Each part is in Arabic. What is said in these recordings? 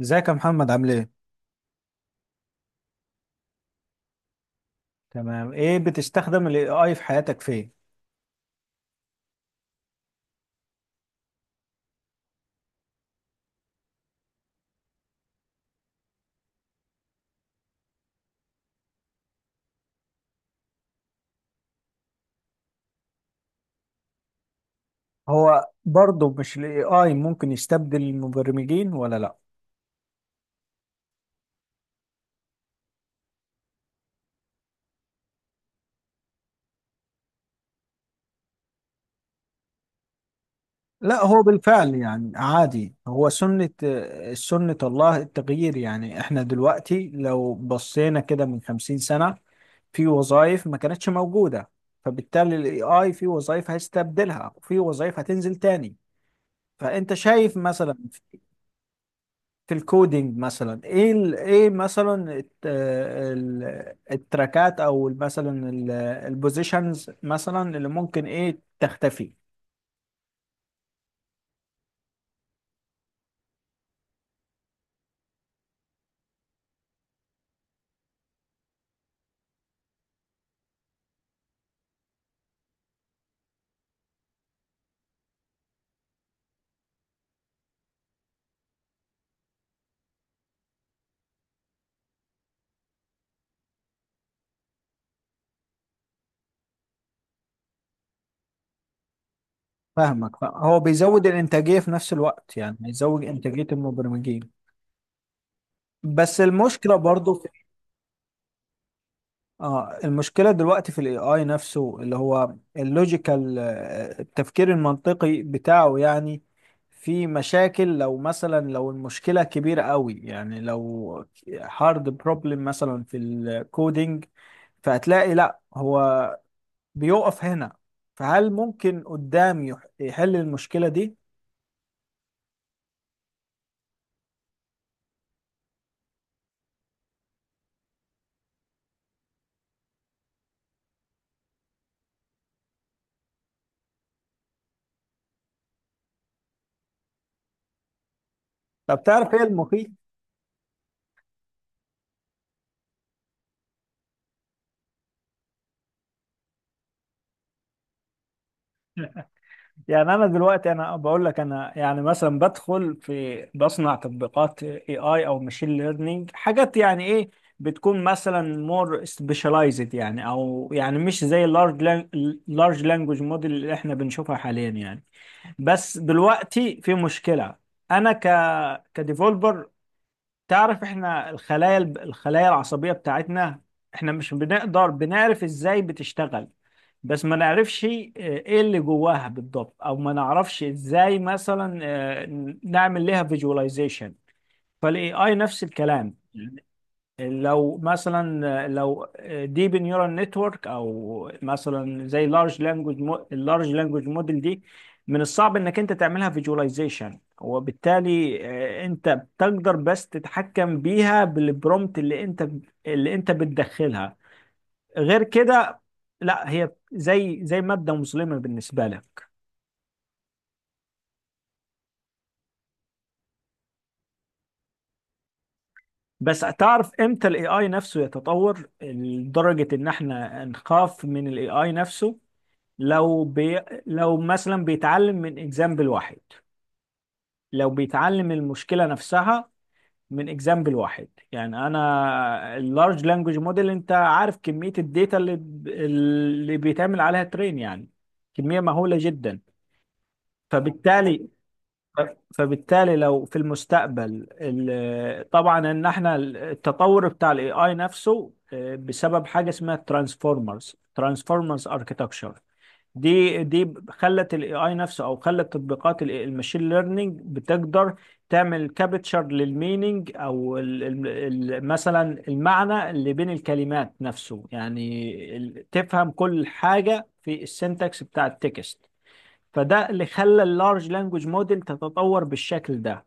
ازيك يا محمد، عامل ايه؟ تمام. ايه، بتستخدم الاي اي في حياتك فين؟ هو برضه مش الاي اي ممكن يستبدل المبرمجين ولا لا؟ لا، هو بالفعل يعني عادي. هو سنة الله التغيير. يعني احنا دلوقتي لو بصينا كده من 50 سنة، في وظائف ما كانتش موجودة، فبالتالي الاي اي في وظائف هيستبدلها وفي وظائف هتنزل تاني. فانت شايف مثلا في الكودينج، مثلا، ايه ايه مثلا التراكات، او مثلا البوزيشنز، مثلا اللي ممكن ايه تختفي؟ فاهمك. هو بيزود الانتاجيه في نفس الوقت، يعني هيزود انتاجيه المبرمجين. بس المشكله برضو، اه المشكلة دلوقتي في الاي اي نفسه، اللي هو اللوجيكال، التفكير المنطقي بتاعه يعني. في مشاكل، لو مثلا لو المشكلة كبيرة قوي، يعني لو هارد بروبلم مثلا في الكودينج، فهتلاقي لا، هو بيقف هنا. فهل ممكن قدام يحل المشكلة دي؟ طب تعرف ايه المخيف؟ يعني انا دلوقتي، انا بقول لك، انا يعني مثلا بدخل في بصنع تطبيقات اي اي او ماشين ليرنينج، حاجات يعني ايه، بتكون مثلا مور سبيشاليزد، يعني او يعني مش زي لارج لانجوج موديل اللي احنا بنشوفها حاليا يعني. بس دلوقتي في مشكلة. انا كديفولبر، تعرف احنا الخلايا العصبية بتاعتنا، احنا مش بنقدر، بنعرف ازاي بتشتغل، بس ما نعرفش، ايه اللي جواها بالضبط، او ما نعرفش ازاي مثلا، نعمل لها فيجواليزيشن. فالاي اي نفس الكلام. لو مثلا لو ديب نيورال نتورك، او مثلا زي لارج لانجوج اللارج لانجوج موديل دي، من الصعب انك انت تعملها فيجواليزيشن، وبالتالي انت بتقدر بس تتحكم بيها بالبرومت اللي انت بتدخلها. غير كده لا، هي زي مادة مظلمة بالنسبة لك. بس تعرف امتى الاي اي نفسه يتطور لدرجة ان احنا نخاف من الاي اي نفسه؟ لو بي... لو مثلا بيتعلم من اكزامبل واحد، لو بيتعلم المشكله نفسها من اكزامبل واحد. يعني انا اللارج لانجوج موديل، انت عارف كميه الداتا اللي بيتعمل عليها ترين؟ يعني كميه مهوله جدا. فبالتالي، لو في المستقبل طبعا ان احنا التطور بتاع الاي اي نفسه، بسبب حاجه اسمها ترانسفورمرز، اركيتكتشر. دي خلت الاي اي نفسه، او خلت تطبيقات الماشين ليرنينج بتقدر تعمل كابتشر للمينينج، او ال ال ال مثلا المعنى اللي بين الكلمات نفسه، يعني تفهم كل حاجة في السنتكس بتاع التكست. فده اللي خلى اللارج لانجوج موديل تتطور بالشكل ده.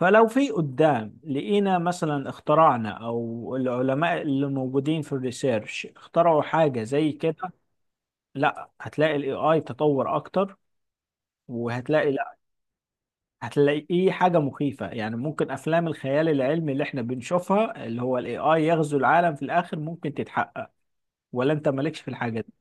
فلو في قدام لقينا، مثلا اخترعنا او العلماء اللي موجودين في الريسيرش اخترعوا حاجة زي كده، لا هتلاقي الاي اي تطور اكتر، وهتلاقي لا هتلاقيه حاجه مخيفه. يعني ممكن افلام الخيال العلمي اللي احنا بنشوفها، اللي هو الاي اي يغزو العالم في الاخر، ممكن تتحقق، ولا انت مالكش في الحاجه دي؟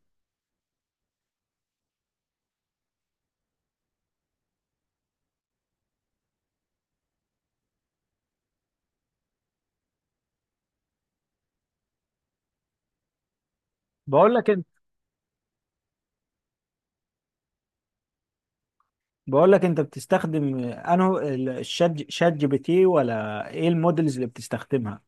بقول لك انت بقول لك، انت بتستخدم انه شات جي بي تي، ولا ايه المودلز اللي بتستخدمها؟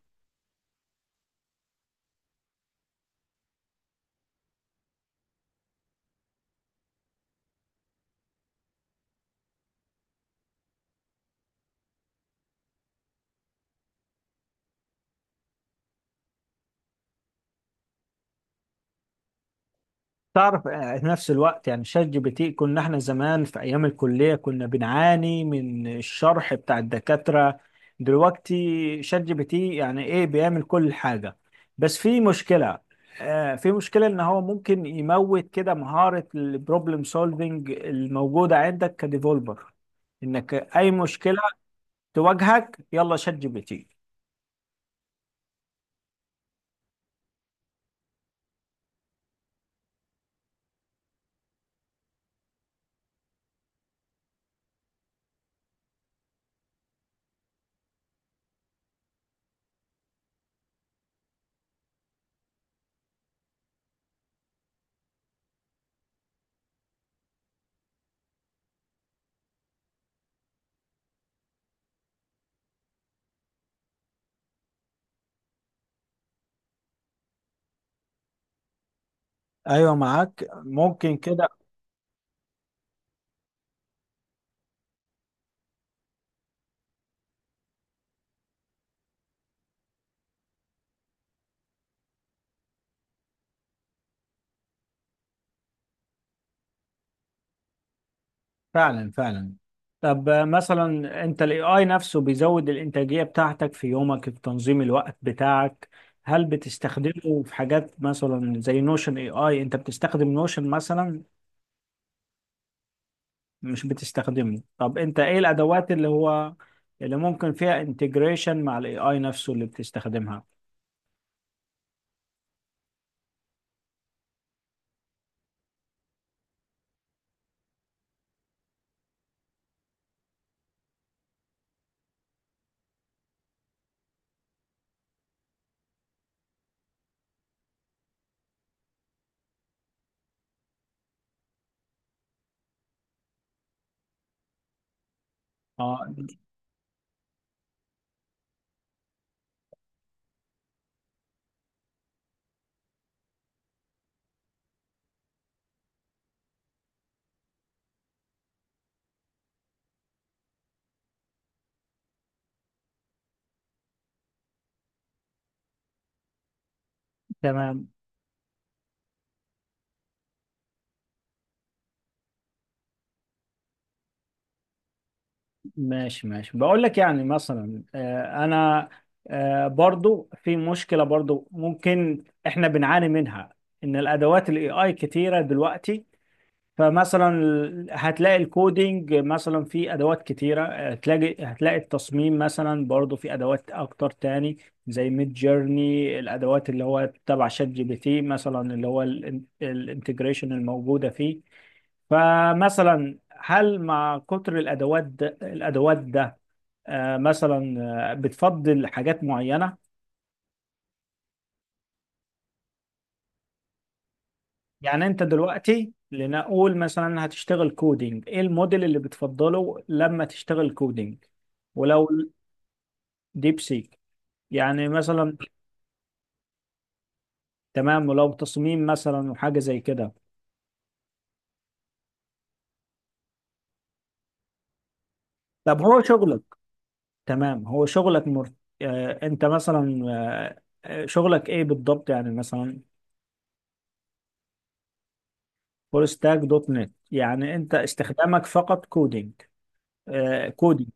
تعرف، في نفس الوقت يعني شات جي بي تي، كنا احنا زمان في ايام الكليه كنا بنعاني من الشرح بتاع الدكاتره، دلوقتي شات جي بي تي يعني ايه، بيعمل كل حاجه. بس في مشكله. في مشكله ان هو ممكن يموت كده مهاره البروبلم سولفنج الموجوده عندك كديفولبر، انك اي مشكله تواجهك، يلا شات جي بي تي. ايوه، معاك، ممكن كده، فعلا فعلا. طب، مثلا انت الاي اي نفسه بيزود الانتاجية بتاعتك في يومك، في تنظيم الوقت بتاعك، هل بتستخدمه في حاجات مثلا زي نوشن اي اي؟ انت بتستخدم نوشن مثلا؟ مش بتستخدمه؟ طب انت ايه الادوات اللي هو، اللي ممكن فيها انتجريشن مع الاي اي نفسه اللي بتستخدمها؟ اه. تمام، ماشي ماشي. بقول لك يعني مثلا، آه، انا آه، برضو في مشكلة برضو ممكن احنا بنعاني منها، ان الادوات الاي اي كتيرة دلوقتي. فمثلا هتلاقي الكودينج مثلا في ادوات كتيرة، هتلاقي التصميم مثلا برضو في ادوات اكتر تاني، زي ميد جيرني، الادوات اللي هو تبع شات جي بي تي مثلا، اللي هو الانتجريشن الموجودة فيه. فمثلا هل مع كتر الادوات ده، مثلا بتفضل حاجات معينه؟ يعني انت دلوقتي لنقول مثلا هتشتغل كودينج، ايه الموديل اللي بتفضله لما تشتغل كودينج؟ ولو ديب سيك، يعني مثلا؟ تمام. ولو تصميم مثلا وحاجه زي كده؟ طب هو شغلك، تمام. هو شغلك آه، انت مثلا آه، آه، شغلك ايه بالضبط يعني مثلا؟ فول ستاك دوت نت. يعني انت استخدامك فقط كودينج؟ كودينج.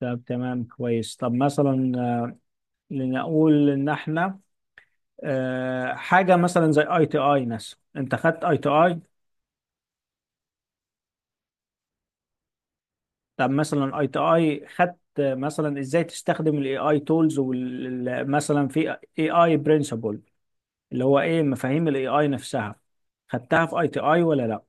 طب تمام، كويس. طب مثلا لنقول ان احنا، حاجه مثلا زي اي تي اي مثلا، انت خدت اي تي اي؟ طب مثلا اي تي اي خدت، مثلا ازاي تستخدم الاي اي تولز مثلا في اي اي برنسبل، اللي هو ايه مفاهيم الاي اي نفسها، خدتها في اي تي اي ولا لا؟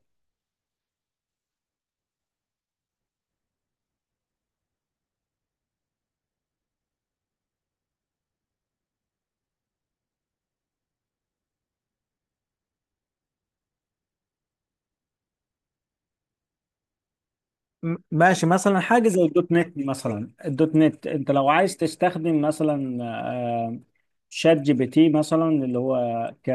ماشي. مثلا حاجة زي الدوت نت مثلا، الدوت نت انت لو عايز تستخدم مثلا شات جي بي تي مثلا، اللي هو ك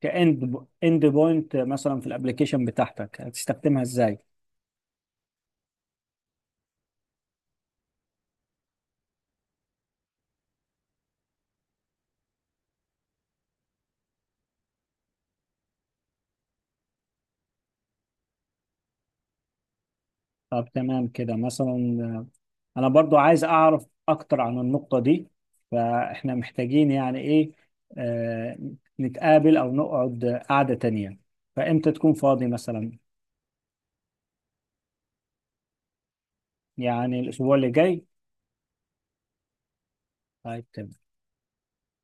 كاند اند بوينت مثلا في الابليكيشن بتاعتك، هتستخدمها ازاي؟ طب تمام كده. مثلا انا برضو عايز اعرف اكتر عن النقطة دي، فاحنا محتاجين يعني ايه، آه، نتقابل او نقعد قعدة تانية. فامتى تكون فاضي مثلا؟ يعني الاسبوع اللي جاي؟ طيب، تمام.